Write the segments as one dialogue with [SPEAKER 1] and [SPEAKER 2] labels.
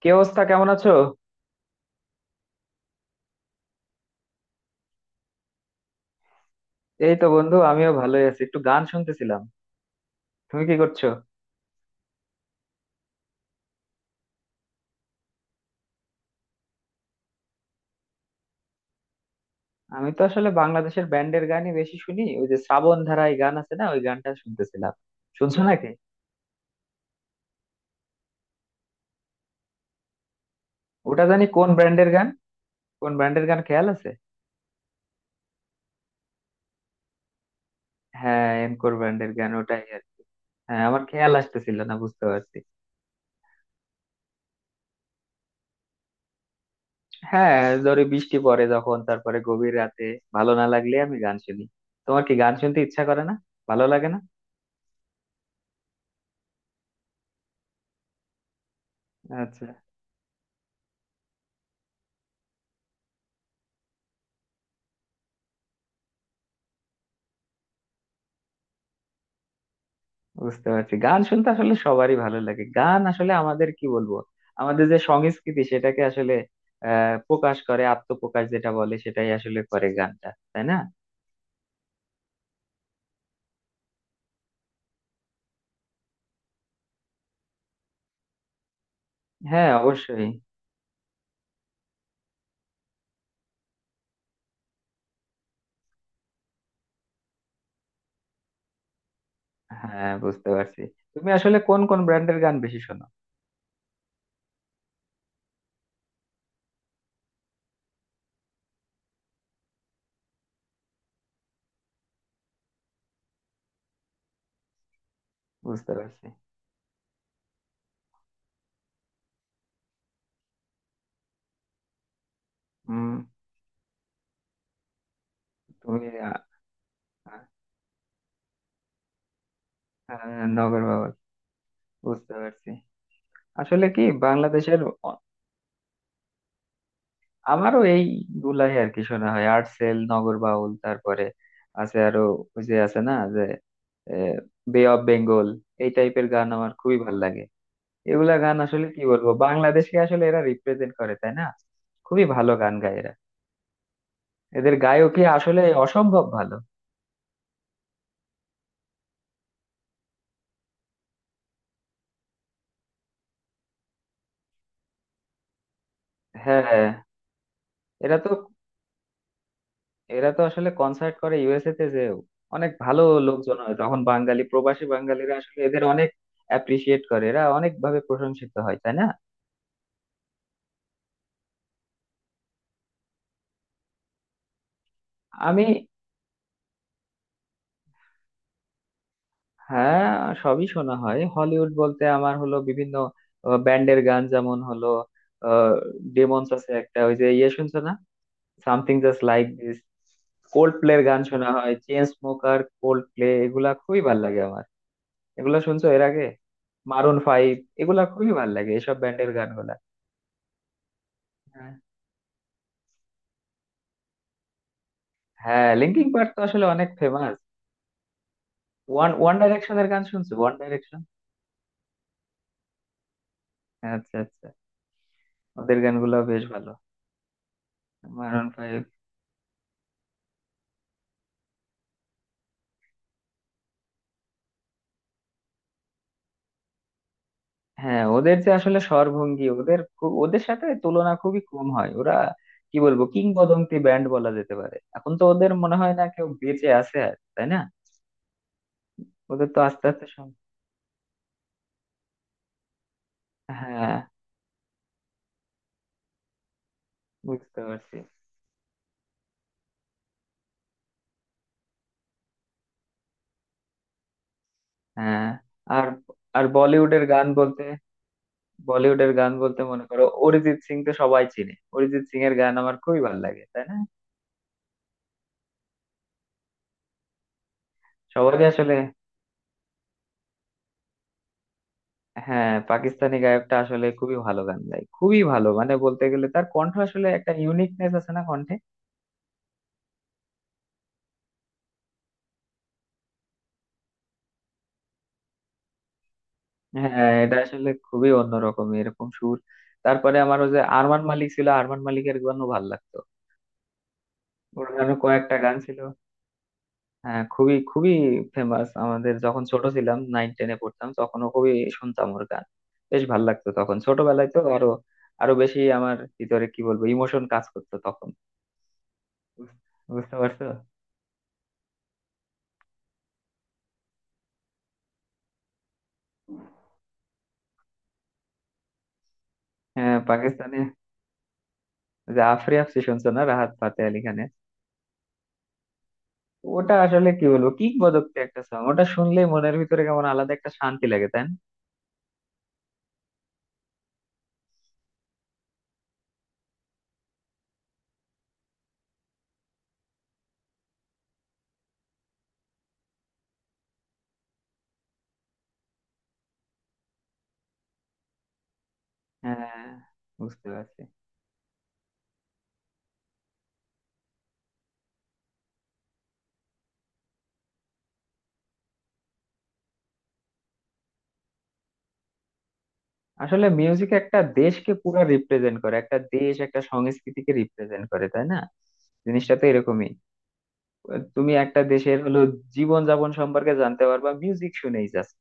[SPEAKER 1] কি অবস্থা? কেমন আছো? এই তো বন্ধু, আমিও ভালোই আছি, একটু গান শুনতেছিলাম। তুমি কি করছো? আমি তো আসলে বাংলাদেশের ব্যান্ডের গানই বেশি শুনি। ওই যে শ্রাবণ ধারায় গান আছে না, ওই গানটা শুনতেছিলাম। শুনছো নাকি? ওটা জানি কোন ব্র্যান্ডের গান। কোন ব্র্যান্ডের গান খেয়াল আছে? হ্যাঁ, এনকোর ব্র্যান্ডের গান ওটাই আর কি। হ্যাঁ, আমার খেয়াল আসতেছিল না। বুঝতে পারছি। হ্যাঁ, ধরো বৃষ্টি পড়ে যখন, তারপরে গভীর রাতে ভালো না লাগলে আমি গান শুনি। তোমার কি গান শুনতে ইচ্ছা করে না? ভালো লাগে না? আচ্ছা, বুঝতে পারছি। গান শুনতে আসলে সবারই ভালো লাগে। গান আসলে আমাদের কি বলবো, আমাদের যে সংস্কৃতি সেটাকে আসলে প্রকাশ করে, আত্মপ্রকাশ যেটা বলে সেটাই আসলে করে গানটা, তাই না? হ্যাঁ, অবশ্যই। হ্যাঁ, বুঝতে পারছি। তুমি আসলে কোন কোন ব্র্যান্ডের গান বেশি শোনো? বুঝতে পারছি। হুম। তুমি আহ, আহ, নগর বাউল। বুঝতে পারছি। আসলে কি বাংলাদেশের, আমারও এই গুলাই আর কি শোনা হয়। আর্টসেল, নগর বাউল, তারপরে আছে আরো, ওই যে আছে না যে বে অফ বেঙ্গল, এই টাইপের গান আমার খুবই ভালো লাগে। এগুলা গান আসলে কি বলবো, বাংলাদেশকে আসলে এরা রিপ্রেজেন্ট করে, তাই না? খুবই ভালো গান গায় এরা। এদের গায়কই আসলে অসম্ভব ভালো। হ্যাঁ, হ্যাঁ। এরা তো এরা তো আসলে কনসার্ট করে ইউএসএ তে, যে অনেক ভালো লোকজন হয় তখন, বাঙালি প্রবাসী বাঙালিরা আসলে এদের অনেক অ্যাপ্রিসিয়েট করে। এরা অনেক ভাবে প্রশংসিত হয়, তাই না? আমি, হ্যাঁ, সবই শোনা হয়। হলিউড বলতে আমার হলো বিভিন্ন ব্যান্ডের গান, যেমন হলো ডেমন্স আছে একটা, ওই যে শুনছো না, সামথিং জাস্ট লাইক দিস। কোল্ড প্লের গান শোনা হয়, চেন স্মোকার, কোল্ড প্লে, এগুলা খুবই ভাল লাগে আমার। এগুলা শুনছো এর আগে? মারুন ফাইভ, এগুলা খুবই ভাল লাগে এসব ব্যান্ডের গানগুলা। হ্যাঁ, হ্যাঁ, লিঙ্কিং পার্ক তো আসলে অনেক ফেমাস। ওয়ান ওয়ান ডাইরেকশনের গান শুনছো? One direction. আচ্ছা, আচ্ছা, ওদের গানগুলো বেশ ভালো। মারুন ফাইভ। হ্যাঁ, ওদের যে আসলে স্বরভঙ্গি, ওদের খুব, ওদের সাথে তুলনা খুবই কম হয়। ওরা কি বলবো, কিংবদন্তি ব্যান্ড বলা যেতে পারে। এখন তো ওদের মনে হয় না কেউ বেঁচে আছে আর, তাই না? ওদের তো আস্তে আস্তে সব। হ্যাঁ, বুঝতে পারছি। হ্যাঁ। আর আর বলিউডের গান বলতে মনে করো অরিজিৎ সিং তো সবাই চিনে, অরিজিৎ সিং এর গান আমার খুবই ভালো লাগে, তাই না? সবারই আসলে। হ্যাঁ, পাকিস্তানি গায়কটা আসলে খুবই ভালো গান গায়, খুবই ভালো, মানে বলতে গেলে তার কণ্ঠ আসলে একটা ইউনিকনেস আছে না কণ্ঠে। হ্যাঁ, এটা আসলে খুবই অন্যরকম, এরকম সুর। তারপরে আমার ওই যে আরমান মালিক ছিল, আরমান মালিকের গানও ভাল লাগতো। ওর গানও কয়েকটা গান ছিল। হ্যাঁ, খুবই খুবই ফেমাস। আমাদের যখন ছোট ছিলাম, নাইন টেনে পড়তাম, তখনও খুবই শুনতাম ওর গান। বেশ ভাল লাগতো তখন ছোটবেলায়, তো আরো আরো বেশি আমার ভিতরে কি বলবো ইমোশন কাজ করতো তখন। বুঝ- বুঝতে পারছো? হ্যাঁ, পাকিস্তানে যে আফরি আফসি শুনছো না, রাহাত ফাতে আলি খানের? ওটা আসলে কি বলবো, কিংবদন্তি একটা সং। ওটা শুনলেই মনের ভিতরে কেমন আলাদা একটা শান্তি লাগে, তাই না? হ্যাঁ, বুঝতে পারছি। আসলে মিউজিক একটা দেশকে পুরো রিপ্রেজেন্ট করে, একটা দেশ একটা সংস্কৃতিকে রিপ্রেজেন্ট করে, তাই না? জিনিসটা তো এরকমই। তুমি একটা দেশের হলো জীবনযাপন সম্পর্কে জানতে পারবা মিউজিক শুনেই, জাস্ট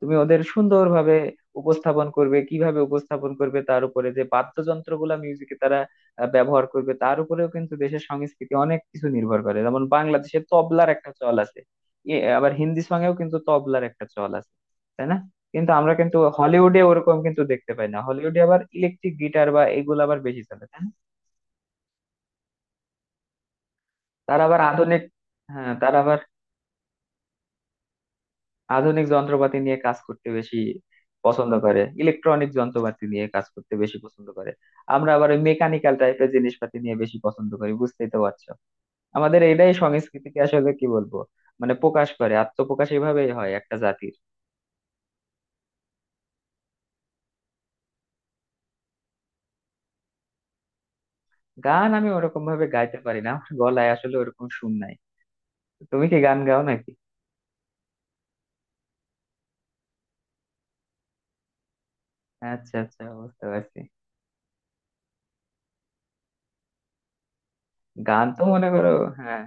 [SPEAKER 1] তুমি ওদের সুন্দরভাবে উপস্থাপন করবে। কিভাবে উপস্থাপন করবে তার উপরে, যে বাদ্যযন্ত্রগুলা মিউজিকে তারা ব্যবহার করবে তার উপরেও কিন্তু দেশের সংস্কৃতি অনেক কিছু নির্ভর করে। যেমন বাংলাদেশে তবলার একটা চল আছে। আবার হিন্দি সঙ্গেও কিন্তু তবলার একটা চল আছে, তাই না? কিন্তু আমরা কিন্তু হলিউডে ওরকম কিন্তু দেখতে পাই না, হলিউডে আবার ইলেকট্রিক গিটার বা এগুলো আবার বেশি চলে, তাই না? তারা আবার আধুনিক। হ্যাঁ, তারা আবার আধুনিক যন্ত্রপাতি নিয়ে কাজ করতে বেশি পছন্দ করে, ইলেকট্রনিক যন্ত্রপাতি নিয়ে কাজ করতে বেশি পছন্দ করে। আমরা আবার ওই মেকানিক্যাল টাইপের জিনিসপাতি নিয়ে বেশি পছন্দ করি, বুঝতেই তো পারছো। আমাদের এটাই সংস্কৃতিকে আসলে কি বলবো, মানে প্রকাশ করে, আত্মপ্রকাশ এভাবেই হয় একটা জাতির। গান আমি ওরকম ভাবে গাইতে পারি না, আমার গলায় আসলে ওরকম সুর নাই। তুমি কি গান গাও নাকি? আচ্ছা, আচ্ছা, বুঝতে পারছি। গান তো মনে করো। হ্যাঁ,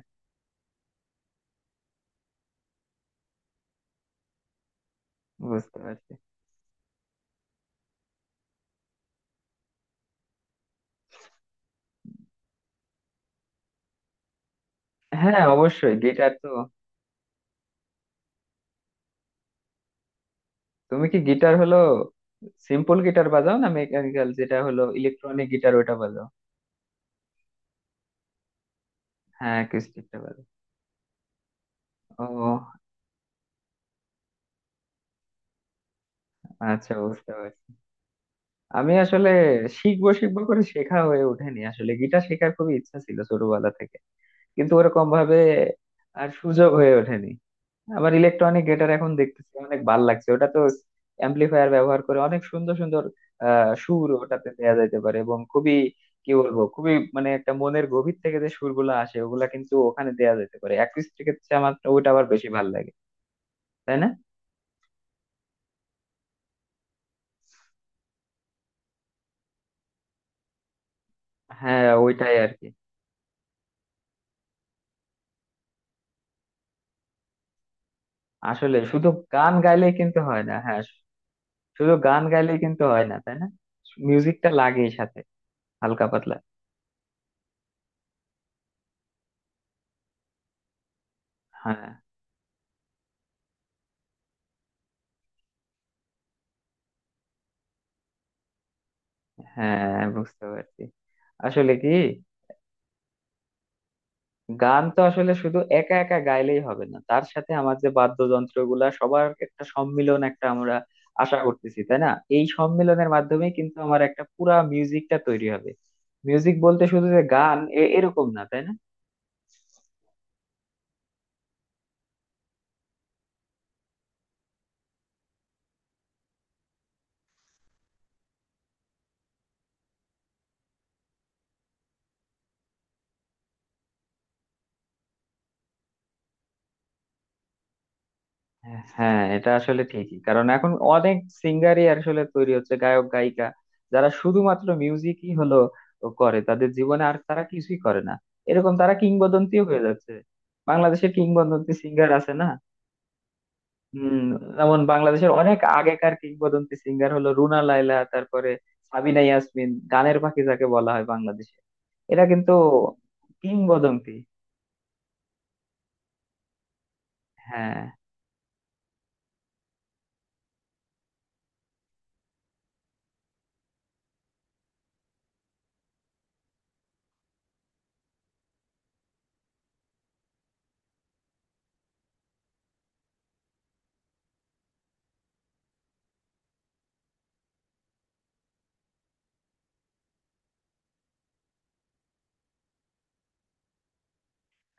[SPEAKER 1] বুঝতে পারছি। হ্যাঁ, অবশ্যই গিটার তো। তুমি কি গিটার হলো সিম্পল গিটার বাজাও, না মেকানিক্যাল যেটা হলো ইলেকট্রনিক গিটার ওটা বাজাও? হ্যাঁ, অ্যাকুস্টিকটা বাজাও। ও, আচ্ছা, বুঝতে পারছি। আমি আসলে শিখবো শিখবো করে শেখা হয়ে ওঠেনি আসলে, গিটার শেখার খুবই ইচ্ছা ছিল ছোটবেলা থেকে, কিন্তু ওরকম ভাবে আর সুযোগ হয়ে ওঠেনি। আবার ইলেকট্রনিক গিটার এখন দেখতেছি অনেক ভাল লাগছে। ওটা তো অ্যাম্পলিফায়ার ব্যবহার করে অনেক সুন্দর সুন্দর সুর ওটাতে দেওয়া যাইতে পারে, এবং খুবই কি বলবো, খুবই মানে একটা মনের গভীর থেকে যে সুরগুলো আসে, ওগুলা কিন্তু ওখানে দেওয়া যেতে পারে। অ্যাকুস্টিকের চেয়ে আমার তো ওইটা আবার বেশি ভাল লাগে, তাই না? হ্যাঁ, ওইটাই আর কি। আসলে শুধু গান গাইলেই কিন্তু হয় না। হ্যাঁ, শুধু গান গাইলেই কিন্তু হয় না, তাই না? মিউজিকটা লাগেই সাথে, হালকা পাতলা। হ্যাঁ, হ্যাঁ, বুঝতে পারছি। আসলে কি, গান তো আসলে শুধু একা একা গাইলেই হবে না, তার সাথে আমার যে বাদ্যযন্ত্র গুলা সবার একটা সম্মিলন একটা আমরা আশা করতেছি, তাই না? এই সম্মিলনের মাধ্যমে কিন্তু আমার একটা পুরা মিউজিকটা তৈরি হবে। মিউজিক বলতে শুধু যে গান এরকম না, তাই না? হ্যাঁ, এটা আসলে ঠিকই। কারণ এখন অনেক সিঙ্গারই আসলে তৈরি হচ্ছে গায়ক গায়িকা, যারা শুধুমাত্র মিউজিকই হলো করে তাদের জীবনে, আর তারা কিছুই করে না। এরকম তারা কিংবদন্তিও হয়ে যাচ্ছে। বাংলাদেশের কিংবদন্তি সিঙ্গার আছে না? হম। যেমন বাংলাদেশের অনেক আগেকার কিংবদন্তি সিঙ্গার হলো রুনা লায়লা, তারপরে সাবিনা ইয়াসমিন, গানের পাখি যাকে বলা হয় বাংলাদেশে। এরা কিন্তু কিংবদন্তি। হ্যাঁ,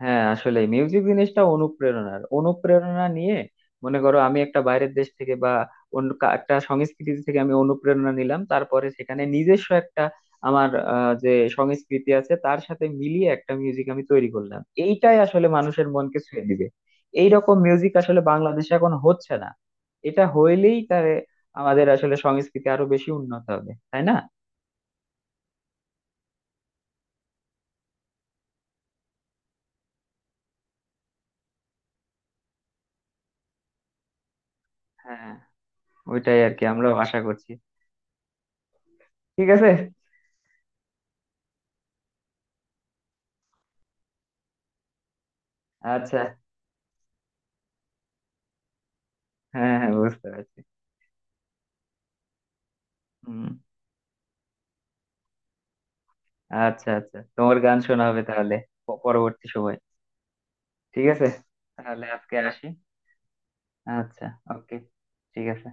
[SPEAKER 1] হ্যাঁ, আসলে মিউজিক জিনিসটা অনুপ্রেরণার। অনুপ্রেরণা নিয়ে মনে করো আমি একটা বাইরের দেশ থেকে বা অন্য একটা সংস্কৃতি থেকে আমি অনুপ্রেরণা নিলাম, তারপরে সেখানে নিজস্ব একটা আমার যে সংস্কৃতি আছে তার সাথে মিলিয়ে একটা মিউজিক আমি তৈরি করলাম, এইটাই আসলে মানুষের মনকে ছুঁয়ে দিবে। এইরকম মিউজিক আসলে বাংলাদেশে এখন হচ্ছে না। এটা হইলেই তারে আমাদের আসলে সংস্কৃতি আরো বেশি উন্নত হবে, তাই না? হ্যাঁ, ওইটাই আর কি, আমরাও আশা করছি। ঠিক আছে। আচ্ছা। হ্যাঁ, হ্যাঁ, বুঝতে পারছি। হম। আচ্ছা, আচ্ছা, তোমার গান শোনা হবে তাহলে পরবর্তী সময়। ঠিক আছে, তাহলে আজকে আসি। আচ্ছা। ওকে। ঠিক আছে।